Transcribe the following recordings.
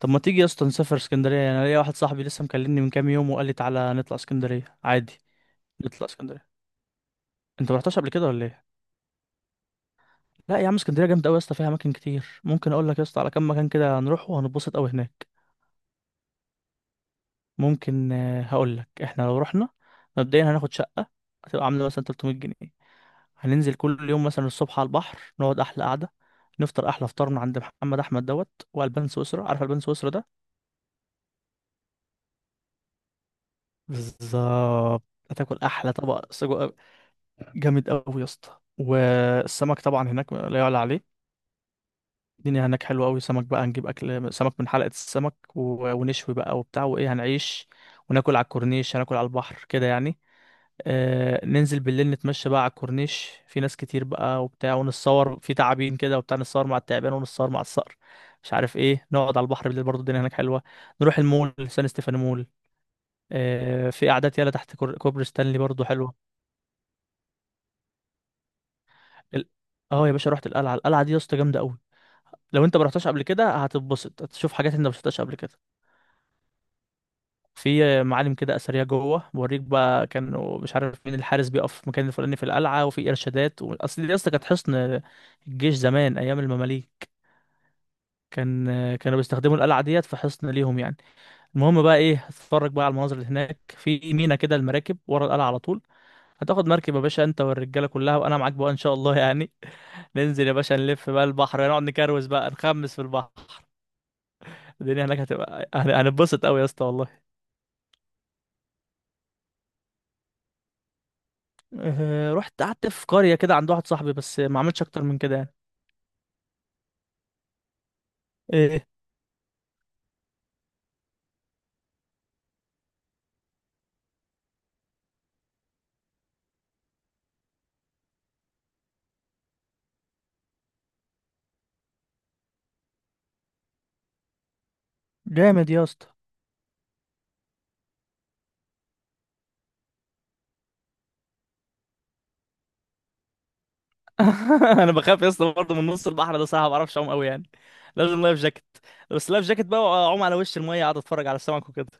طب ما تيجي يا اسطى نسافر اسكندريه؟ يعني انا ليا واحد صاحبي لسه مكلمني من كام يوم وقال لي تعالى نطلع اسكندريه عادي. نطلع اسكندريه. انت ما رحتش قبل كده ولا ايه؟ لا يا عم، اسكندريه جامده قوي يا اسطى، فيها اماكن كتير. ممكن اقول لك يا اسطى على كام مكان كده هنروح وهنتبسط قوي هناك. ممكن هقول لك احنا لو رحنا. مبدئيا هناخد شقه هتبقى عامله مثلا 300 جنيه. هننزل كل يوم مثلا الصبح على البحر نقعد احلى قعده. نفطر احلى فطار من عند محمد احمد دوت والبان سويسرا. عارف البان سويسرا ده؟ بالظبط. هتاكل احلى طبق سجق. جامد قوي يا اسطى، والسمك طبعا هناك لا يعلى عليه. الدنيا هناك حلوه قوي. سمك بقى هنجيب اكل سمك من حلقه السمك ونشوي بقى وبتاع، وايه، هنعيش وناكل على الكورنيش، هناكل على البحر كده يعني. آه، ننزل بالليل نتمشى بقى على الكورنيش، في ناس كتير بقى وبتاع، ونتصور في تعابين كده وبتاع، نتصور مع التعبان ونتصور مع الصقر، مش عارف ايه. نقعد على البحر بالليل برضه، الدنيا هناك حلوه. نروح المول، سان ستيفانو مول. آه، في قعدات يالا تحت كوبري ستانلي برضه حلوه. ال- اه يا باشا رحت القلعه. القلعه دي يا اسطى جامده قوي. لو انت ما رحتش قبل كده هتتبسط، هتشوف حاجات انت ما شفتهاش قبل كده. في معالم كده اثريه جوه بوريك بقى، كانوا مش عارف مين، الحارس بيقف في المكان الفلاني في القلعه، وفي ارشادات اصل دي اصلا كانت حصن الجيش زمان ايام المماليك. كان كانوا بيستخدموا القلعه ديت في حصن ليهم يعني. المهم بقى ايه، هتتفرج بقى على المناظر اللي هناك، في مينا كده المراكب ورا القلعه على طول. هتاخد مركب يا باشا انت والرجاله كلها وانا معاك بقى ان شاء الله يعني. ننزل يا باشا نلف بقى البحر، نقعد نكروز بقى، نخمس في البحر. الدنيا هناك هتبقى هنتبسط قوي يا اسطى والله. رحت قعدت في قرية كده عند واحد صاحبي، بس ما عملتش اكتر من كده يعني. ايه؟ جامد يا اسطى. انا بخاف يا اسطى برضه من نص البحر ده، صح، ما بعرفش اعوم قوي يعني. لازم لايف جاكيت. بس لايف جاكيت بقى، واعوم على وش المية، اقعد اتفرج على السمك وكده.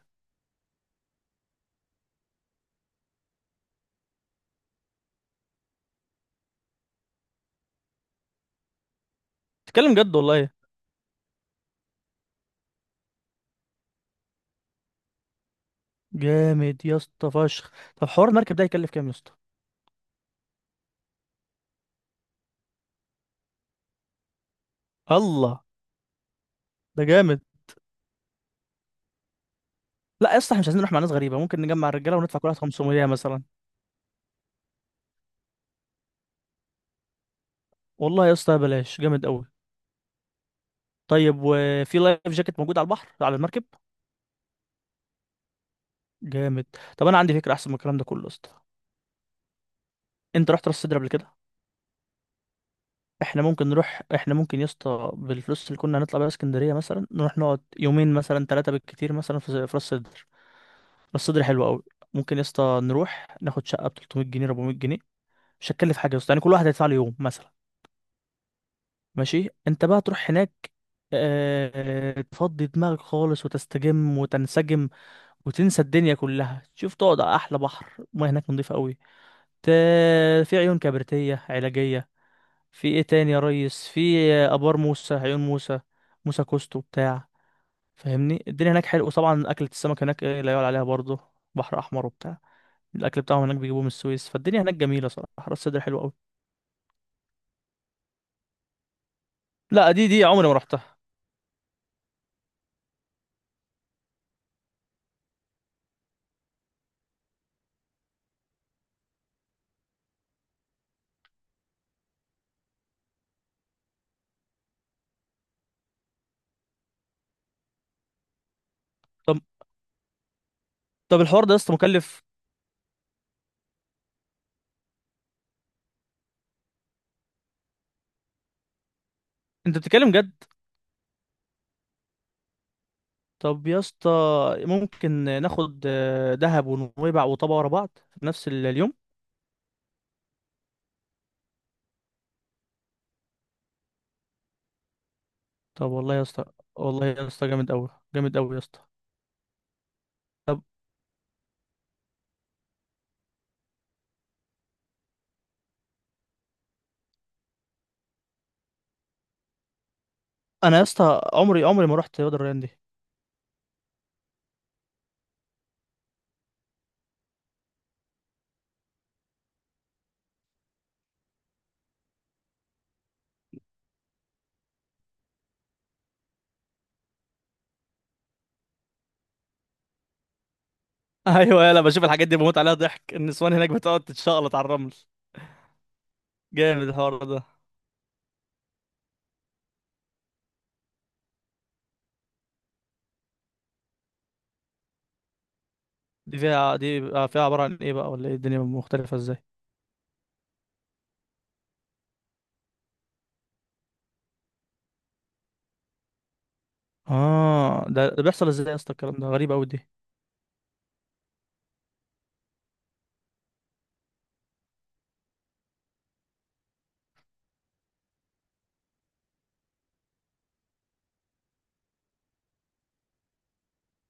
تتكلم جد والله؟ جامد يا اسطى فشخ. طب حوار المركب ده يكلف كام يا اسطى؟ الله، ده جامد. لا يا اسطى، احنا مش عايزين نروح مع ناس غريبة، ممكن نجمع الرجالة وندفع كل واحد 500 مثلا. والله يا اسطى بلاش، جامد قوي. طيب، وفي لايف جاكيت موجود على البحر على المركب؟ جامد. طب انا عندي فكره احسن من الكلام ده كله يا اسطى. انت رحت راس سدر قبل كده؟ احنا ممكن نروح، احنا ممكن يا اسطى بالفلوس اللي كنا هنطلع بيها اسكندريه، مثلا نروح نقعد يومين مثلا، ثلاثه بالكتير، مثلا في راس سدر. راس سدر حلو قوي. ممكن يا اسطى نروح ناخد شقه ب 300 جنيه 400 جنيه. مش هتكلف حاجه يا اسطى يعني، كل واحد هيدفع له يوم مثلا. ماشي، انت بقى تروح هناك آه، تفضي دماغك خالص وتستجم وتنسجم، وتنسى الدنيا كلها، تشوف، تقعد على احلى بحر. المياه هناك نظيفه قوي. في عيون كبريتية علاجية. في ايه تاني يا ريس؟ في ابار موسى، عيون موسى، موسى كوستو بتاع. فاهمني؟ الدنيا هناك حلوه، وطبعا اكلة السمك هناك إيه، لا يعلى عليها برضه. بحر احمر وبتاع. الاكل بتاعهم هناك بيجيبوه من السويس، فالدنيا هناك جميله صراحه، راس سدر حلوه قوي. لا دي عمري ما رحتها. طب طب الحوار ده يا اسطى مكلف؟ انت بتتكلم جد؟ طب يا اسطى، ممكن ناخد آه، دهب ونويبع وطابا ورا بعض في نفس اليوم. طب والله يا اسطى، والله يا اسطى جامد قوي، جامد قوي يا اسطى. انا يا اسطى عمري ما رحت وادي الريان دي. ايوه يلا، بشوف الحاجات دي بموت عليها ضحك، النسوان هناك بتقعد تتشقلط على الرمل. جامد الحوار ده. دي فيها، دي بقى فيها عبارة عن ايه بقى ولا ايه، الدنيا مختلفة ازاي؟ اه ده بيحصل ازاي يا اسطى؟ الكلام ده غريب قوي دي.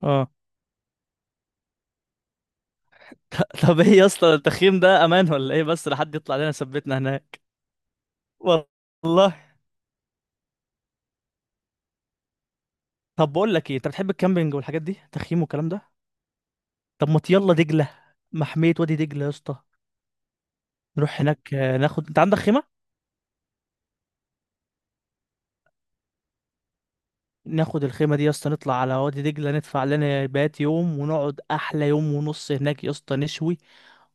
اه. طب ايه يا اسطى التخييم ده، امان ولا ايه؟ بس لحد يطلع لنا، ثبتنا هناك. والله. طب بقول لك ايه، انت بتحب الكامبينج والحاجات دي، تخييم والكلام ده؟ طب ما يلا دجلة، محمية وادي دجلة يا اسطى. نروح هناك آه، ناخد، انت عندك خيمة؟ ناخد الخيمة دي يا اسطى، نطلع على وادي دجلة، ندفع لنا بات يوم، ونقعد أحلى يوم ونص هناك يا اسطى، نشوي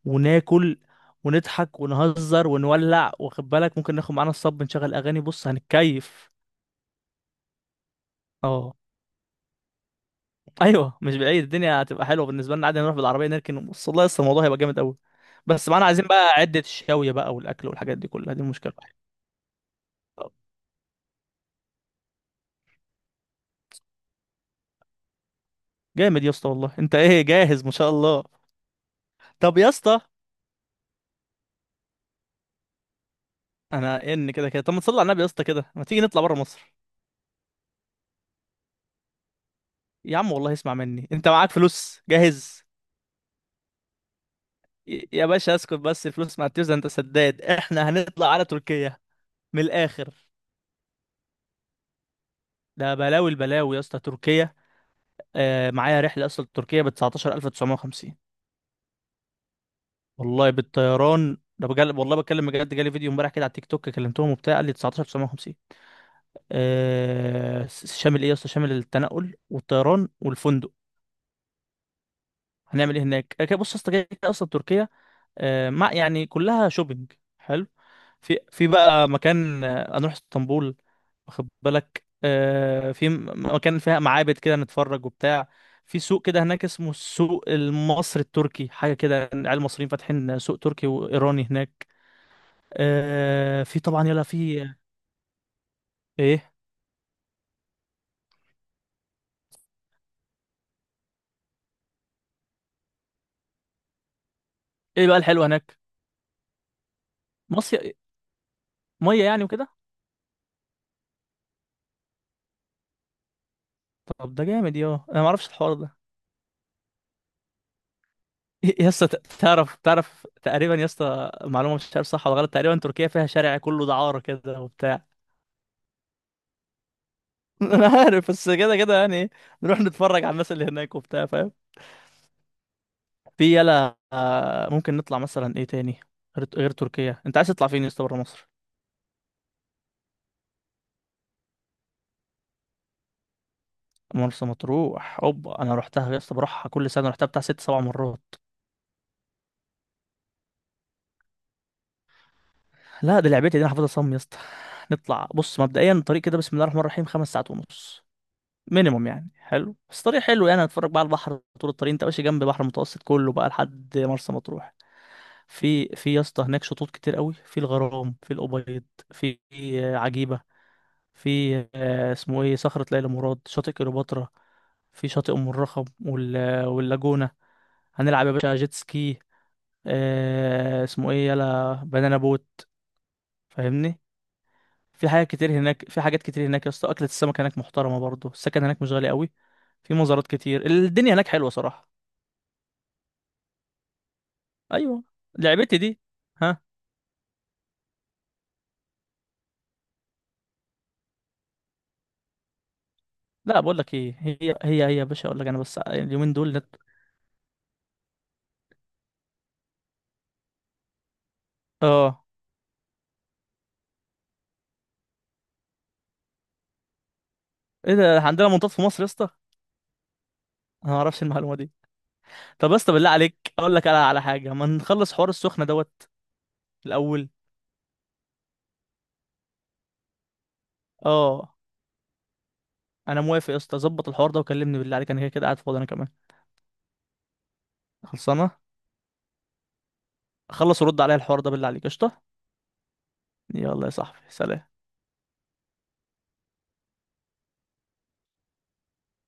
وناكل ونضحك ونهزر ونولع، واخد بالك؟ ممكن ناخد معانا الصب، نشغل أغاني، بص هنتكيف. اه. أيوه مش بعيد، الدنيا هتبقى حلوة بالنسبة لنا عادي، نروح بالعربية نركن، بص والله لسه الموضوع هيبقى جامد أوي. بس معانا عايزين بقى عدة الشاوية بقى والأكل والحاجات دي كلها، دي المشكلة الوحيده. طب جامد يا اسطى والله، أنت إيه جاهز ما شاء الله. طب يا اسطى، أنا إن كده كده، طب ما تصلي على النبي يا اسطى، كده ما تيجي نطلع بره مصر؟ يا عم والله اسمع مني، انت معاك فلوس جاهز. يا باشا اسكت بس، الفلوس ما هتفز، انت سداد. احنا هنطلع على تركيا، من الاخر. ده بلاوي البلاوي يا اسطى تركيا. آه، معايا رحله اصلا تركيا ب 19950. والله بالطيران ده، بجد والله بتكلم بجد، جالي فيديو امبارح كده على التيك توك، كلمتهم وبتاع قال لي 19950. آه، شامل ايه يا اسطى؟ شامل التنقل والطيران والفندق. هنعمل ايه هناك؟ آه، بص يا اسطى، كده كده اصلا تركيا آه، ما يعني كلها شوبينج. حلو. في بقى مكان آه، هنروح اسطنبول، واخد بالك؟ آه، في مكان فيها معابد كده نتفرج وبتاع. في سوق كده هناك اسمه السوق المصري التركي، حاجة كده يعني، العيال المصريين فاتحين سوق تركي وإيراني هناك. آه، في طبعا يلا، في ايه؟ ايه بقى الحلو هناك؟ مصيف؟ مية يعني وكده؟ طب ده جامد، يا انا ما اعرفش الحوار ده. إيه، يا اسطى تعرف، تعرف تقريبا يا اسطى معلومه، مش عارف صح ولا غلط، تقريبا تركيا فيها شارع كله دعاره كده وبتاع. انا عارف بس، كده كده يعني إيه، نروح نتفرج على الناس اللي هناك وبتاع، فاهم؟ في يلا آه، ممكن نطلع مثلا ايه تاني، غير تركيا انت عايز تطلع فين يا اسطى بره مصر؟ مرسى مطروح اوبا، انا رحتها يا اسطى بروحها كل سنه، رحتها بتاع ست سبع مرات. لا دي لعبتي دي، انا حافظها صم يا اسطى. نطلع بص، مبدئيا الطريق كده بسم الله الرحمن الرحيم خمس ساعات ونص مينيموم يعني. حلو بس، طريق حلو يعني، هتتفرج بقى على البحر طول الطريق، انت ماشي جنب البحر المتوسط كله بقى لحد مرسى مطروح. في يا اسطى هناك شطوط كتير قوي، في الغرام، في الأبيض، في آه، عجيبة، في آه، اسمه ايه، صخرة ليلى مراد، شاطئ كليوباترا، في شاطئ أم الرخم واللاجونة. هنلعب يا باشا جيت سكي، آه، اسمه ايه، يلا بنانا بوت، فاهمني؟ في حاجات كتير هناك، في حاجات كتير هناك يا اسطى، أكلة السمك هناك محترمة برضه، السكن هناك مش غالي قوي. في مزارات كتير، الدنيا هناك حلوة صراحة. ايوه. لعبتي دي. ها. لا بقول لك ايه، هي هي يا باشا اقول لك انا بس، اليومين دول اه. ايه ده، عندنا منطاد في مصر يا اسطى؟ انا ما اعرفش المعلومه دي. طب يا اسطى بالله عليك، اقول لك على حاجه، ما نخلص حوار السخنه دوت الاول. اه، انا موافق يا اسطى، ظبط الحوار ده وكلمني بالله عليك، انا كده كده قاعد فاضي انا كمان. خلصانه. خلص، ورد عليا الحوار ده بالله عليك، قشطه. يلا يا صاحبي، سلام.